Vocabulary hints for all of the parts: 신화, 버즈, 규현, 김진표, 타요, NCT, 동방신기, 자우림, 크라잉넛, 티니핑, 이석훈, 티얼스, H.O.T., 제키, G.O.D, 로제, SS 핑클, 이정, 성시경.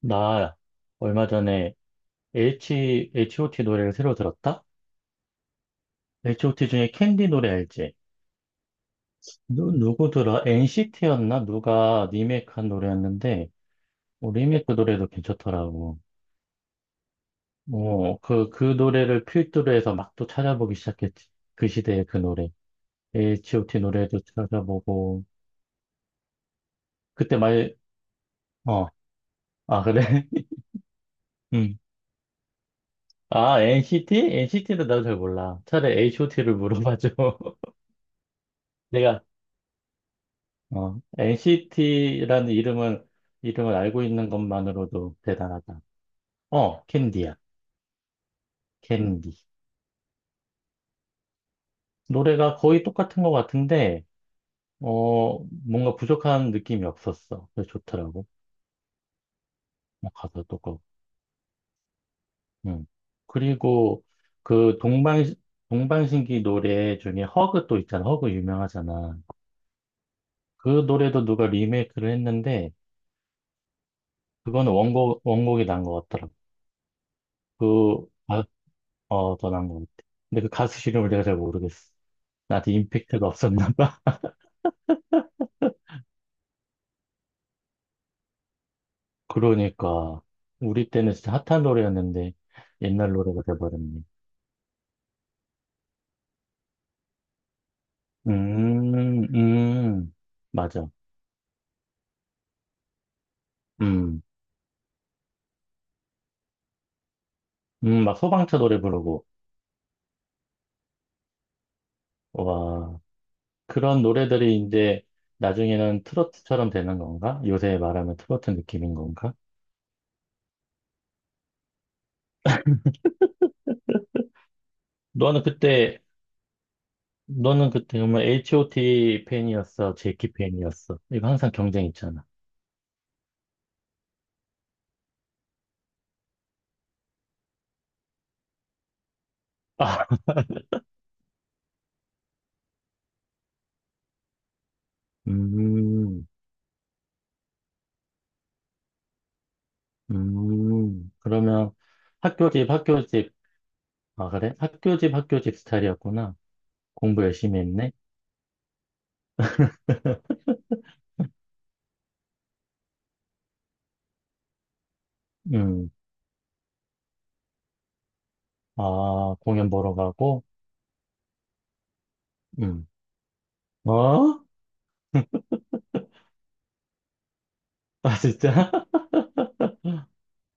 나 얼마 전에 H.O.T. 노래를 새로 들었다? H.O.T. 중에 캔디 노래 알지? 누구 들어? NCT였나? 누가 리메이크한 노래였는데, 뭐 리메이크 노래도 괜찮더라고. 그 노래를 필두로 해서 막 또 찾아보기 시작했지. 그 시대의 그 노래. H.O.T. 노래도 찾아보고, 그때 말, 어, 아, 그래? 응. 아, NCT? NCT도 나도 잘 몰라. 차라리 H.O.T.를 물어봐줘. 내가 NCT라는 이름을 알고 있는 것만으로도 대단하다. 어, 캔디야. 캔디. 노래가 거의 똑같은 것 같은데, 어, 뭔가 부족한 느낌이 없었어. 그래서 좋더라고. 어, 가사도 그렇고. 음. 그리고 그 동방, 동방신기 노래 중에 허그 또 있잖아. 허그 유명하잖아. 그 노래도 누가 리메이크를 했는데, 그거는 원곡이 난 것 같더라고. 그, 아, 어, 더 난 것 같아. 근데 그 가수 이름을 내가 잘 모르겠어. 나한테 임팩트가 없었나 봐. 그러니까 우리 때는 진짜 핫한 노래였는데 옛날 노래가 돼버렸네. 음, 음, 맞아. 음, 막 소방차 노래 부르고. 와, 그런 노래들이 이제 나중에는 트로트처럼 되는 건가? 요새 말하면 트로트 느낌인 건가? 너는 그때 너는 그때 정말 H.O.T 팬이었어, 제키 팬이었어? 이거 항상 경쟁 있잖아. 아, 음, 그러면 학교 집 학교 집. 아, 그래? 학교 집, 학교 집 스타일이었구나. 공부 열심히 했네. 음, 아, 공연 보러 가고, 음, 어? 아, 진짜?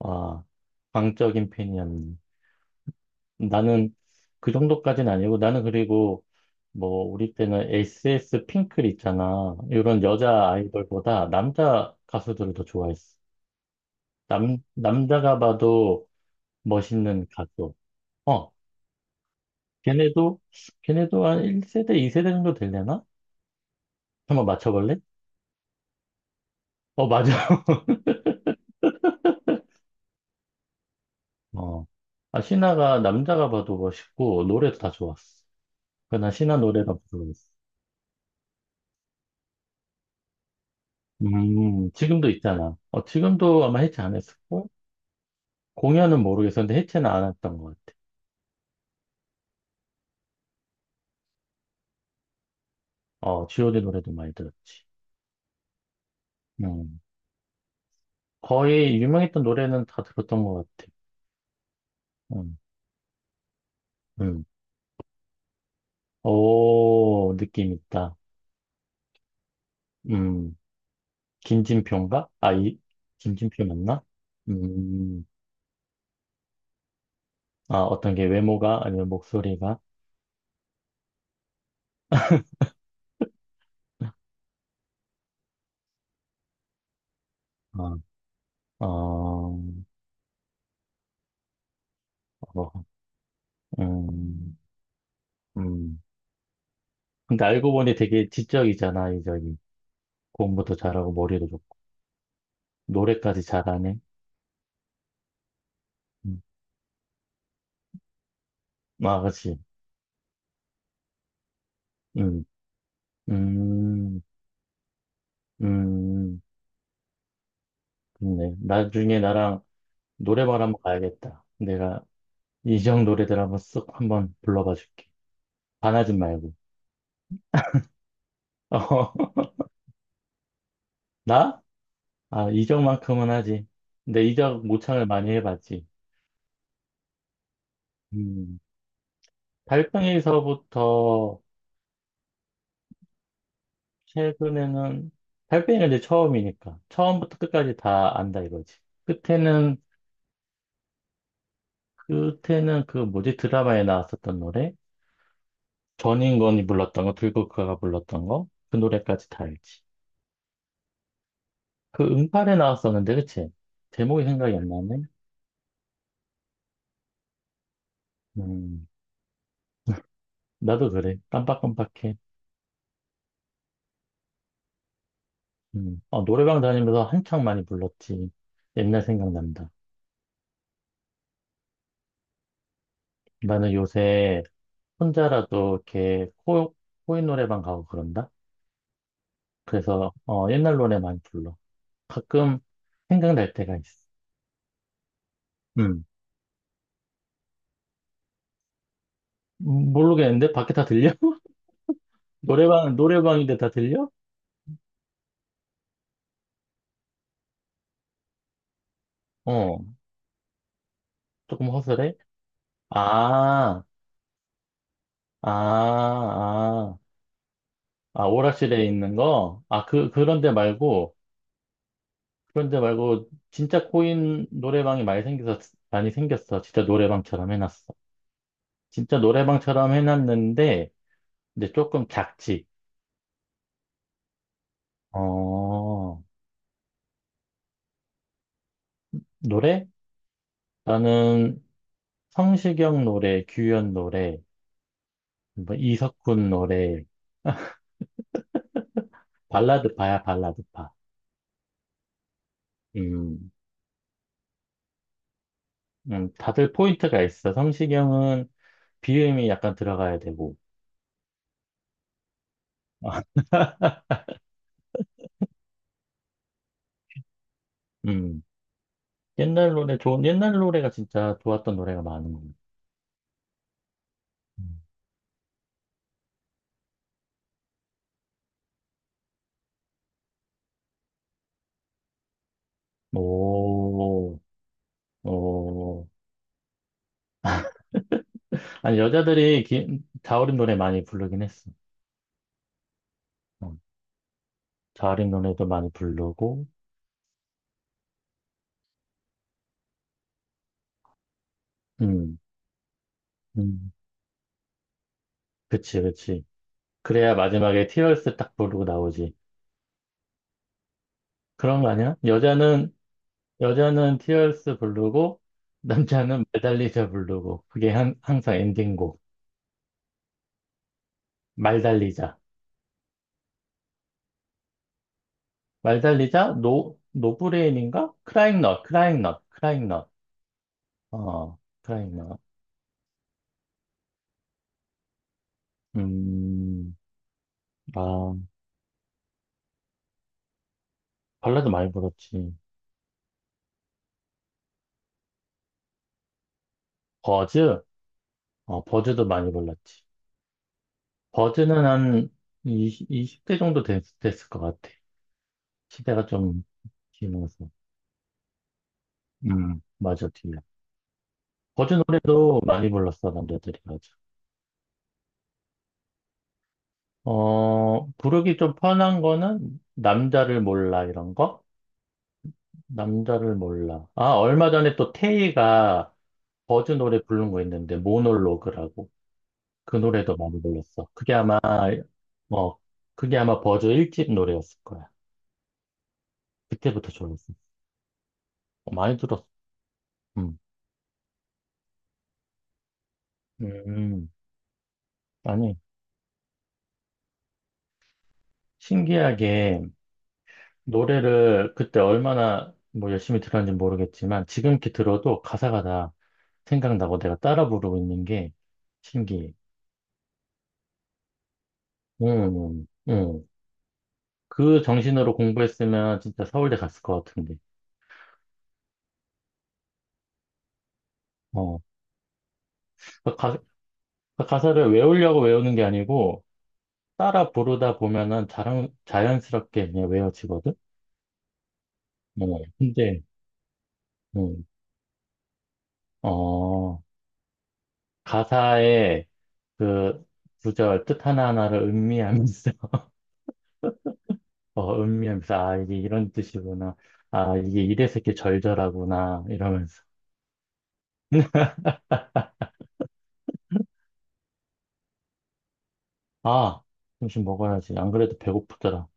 아, 광적인 팬이었네. 나는 그 정도까지는 아니고, 나는 그리고, 뭐, 우리 때는 SS 핑클 있잖아. 이런 여자 아이돌보다 남자 가수들을 더 좋아했어. 남자가 봐도 멋있는 가수. 어, 걔네도, 걔네도 한 1세대, 2세대 정도 되려나? 한번 맞춰볼래? 어, 맞아. 어. 아, 신화가 남자가 봐도 멋있고, 노래도 다 좋았어. 그나 신화 노래가 부러웠어. 지금도 있잖아. 어, 지금도 아마 해체 안 했었고, 공연은 모르겠었는데 해체는 안 했던 것 같아. 어, G.O.D 노래도 많이 들었지. 음. 거의 유명했던 노래는 다 들었던 것 같아. 음, 음. 오, 느낌 있다. 음, 김진표인가? 김진표 맞나? 음, 아, 어떤 게 외모가 아니면 목소리가? 어, 어, 뭐, 음, 음. 근데 알고 보니 되게 지적이잖아, 이 저기. 공부도 잘하고 머리도 좋고 노래까지 잘하네. 음. 아, 그렇지. 음, 음, 음. 좋네. 나중에 나랑 노래방 한번 가야겠다. 내가 이정 노래들 한번 쓱 한번 불러봐 줄게. 반하진 말고. 어, 나? 아, 이정만큼은 하지. 근데 이정 모창을 많이 해봤지. 음. 달팽이서부터 최근에는 달팽이가 이제 처음이니까 처음부터 끝까지 다 안다 이거지. 끝에는 끝에는 그 뭐지 드라마에 나왔었던 노래, 전인권이 불렀던 거, 들국화가 불렀던 거, 그 노래까지 다 알지. 그 응팔에 나왔었는데 그치? 제목이 생각이 안 나네. 음, 나도 그래, 깜빡깜빡해. 음, 어, 노래방 다니면서 한창 많이 불렀지. 옛날 생각난다. 나는 요새 혼자라도 이렇게 코 코인 노래방 가고 그런다. 그래서 어, 옛날 노래 많이 불러. 가끔 생각날 때가 있어. 음. 모르겠는데? 밖에 다 들려? 노래방, 노래방인데 다 들려? 어, 조금 허술해? 아, 아, 아, 아, 오락실에 있는 거? 그런데 말고, 그런데 말고, 진짜 코인 노래방이 많이 생겨서, 많이 생겼어. 진짜 노래방처럼 해놨어. 진짜 노래방처럼 해놨는데, 이제 조금 작지. 어, 노래? 나는 성시경 노래, 규현 노래, 뭐 이석훈 노래, 발라드 파야, 발라드 파. 음, 다들 포인트가 있어. 성시경은 비음이 약간 들어가야 되고. 음, 옛날 노래, 좋은, 옛날 노래가 진짜 좋았던 노래가 많은 거 같아. 오, 오. 아니, 자우림 노래 많이 부르긴 했어. 어, 자우림 노래도 많이 부르고, 음, 음, 그치, 그치. 그래야 마지막에 티얼스 딱 부르고 나오지. 그런 거 아니야? 여자는 티얼스 부르고 남자는 말 달리자 부르고 그게 한, 항상 엔딩곡. 말 달리자 말 달리자. 노 노브레인인가 크라잉넛, 어, 크라잉넛. 음아, 발라드 많이 불렀지. 버즈, 어, 버즈도 많이 불렀지. 버즈는 한 20, 2대 정도 됐을 것 같아. 시대가 좀 지나서. 음, 맞아, 뒤에. 버즈 노래도 많이 불렀어 남자들이, 맞아. 어, 부르기 좀 편한 거는 남자를 몰라 이런 거? 남자를 몰라. 아, 얼마 전에 또 태희가 버즈 노래 부른 거 있는데 모놀로그라고. 그 노래도 많이 불렀어. 뭐 그게 아마 버즈 1집 노래였을 거야. 그때부터 좋았어. 어, 많이 들었어. 음. 음. 아니, 신기하게 노래를 그때 얼마나 뭐 열심히 들었는지 모르겠지만 지금 이렇게 들어도 가사가 다 생각나고 내가 따라 부르고 있는 게 신기해. 응, 응. 응. 그 정신으로 공부했으면 진짜 서울대 갔을 것 같은데. 어. 그 가, 그 가사를 외우려고 외우는 게 아니고 따라 부르다 보면은 자연스럽게 그냥 외워지거든? 어. 근데, 응. 어, 가사의 그 구절 뜻 하나하나를 음미하면서, 어, 음미하면서, 아, 이게 이런 뜻이구나. 아, 이게 이래서 이렇게 절절하구나. 이러면서. 아, 점심 먹어야지. 안 그래도 배고프더라.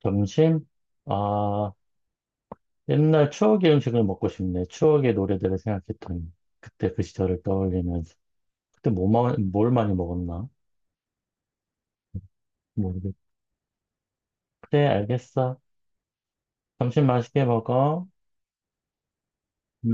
점심? 아, 옛날 추억의 음식을 먹고 싶네. 추억의 노래들을 생각했더니. 그때 그 시절을 떠올리면서. 그때 뭐, 뭘 많이 먹었나? 모르겠 그래, 알겠어. 점심 맛있게 먹어.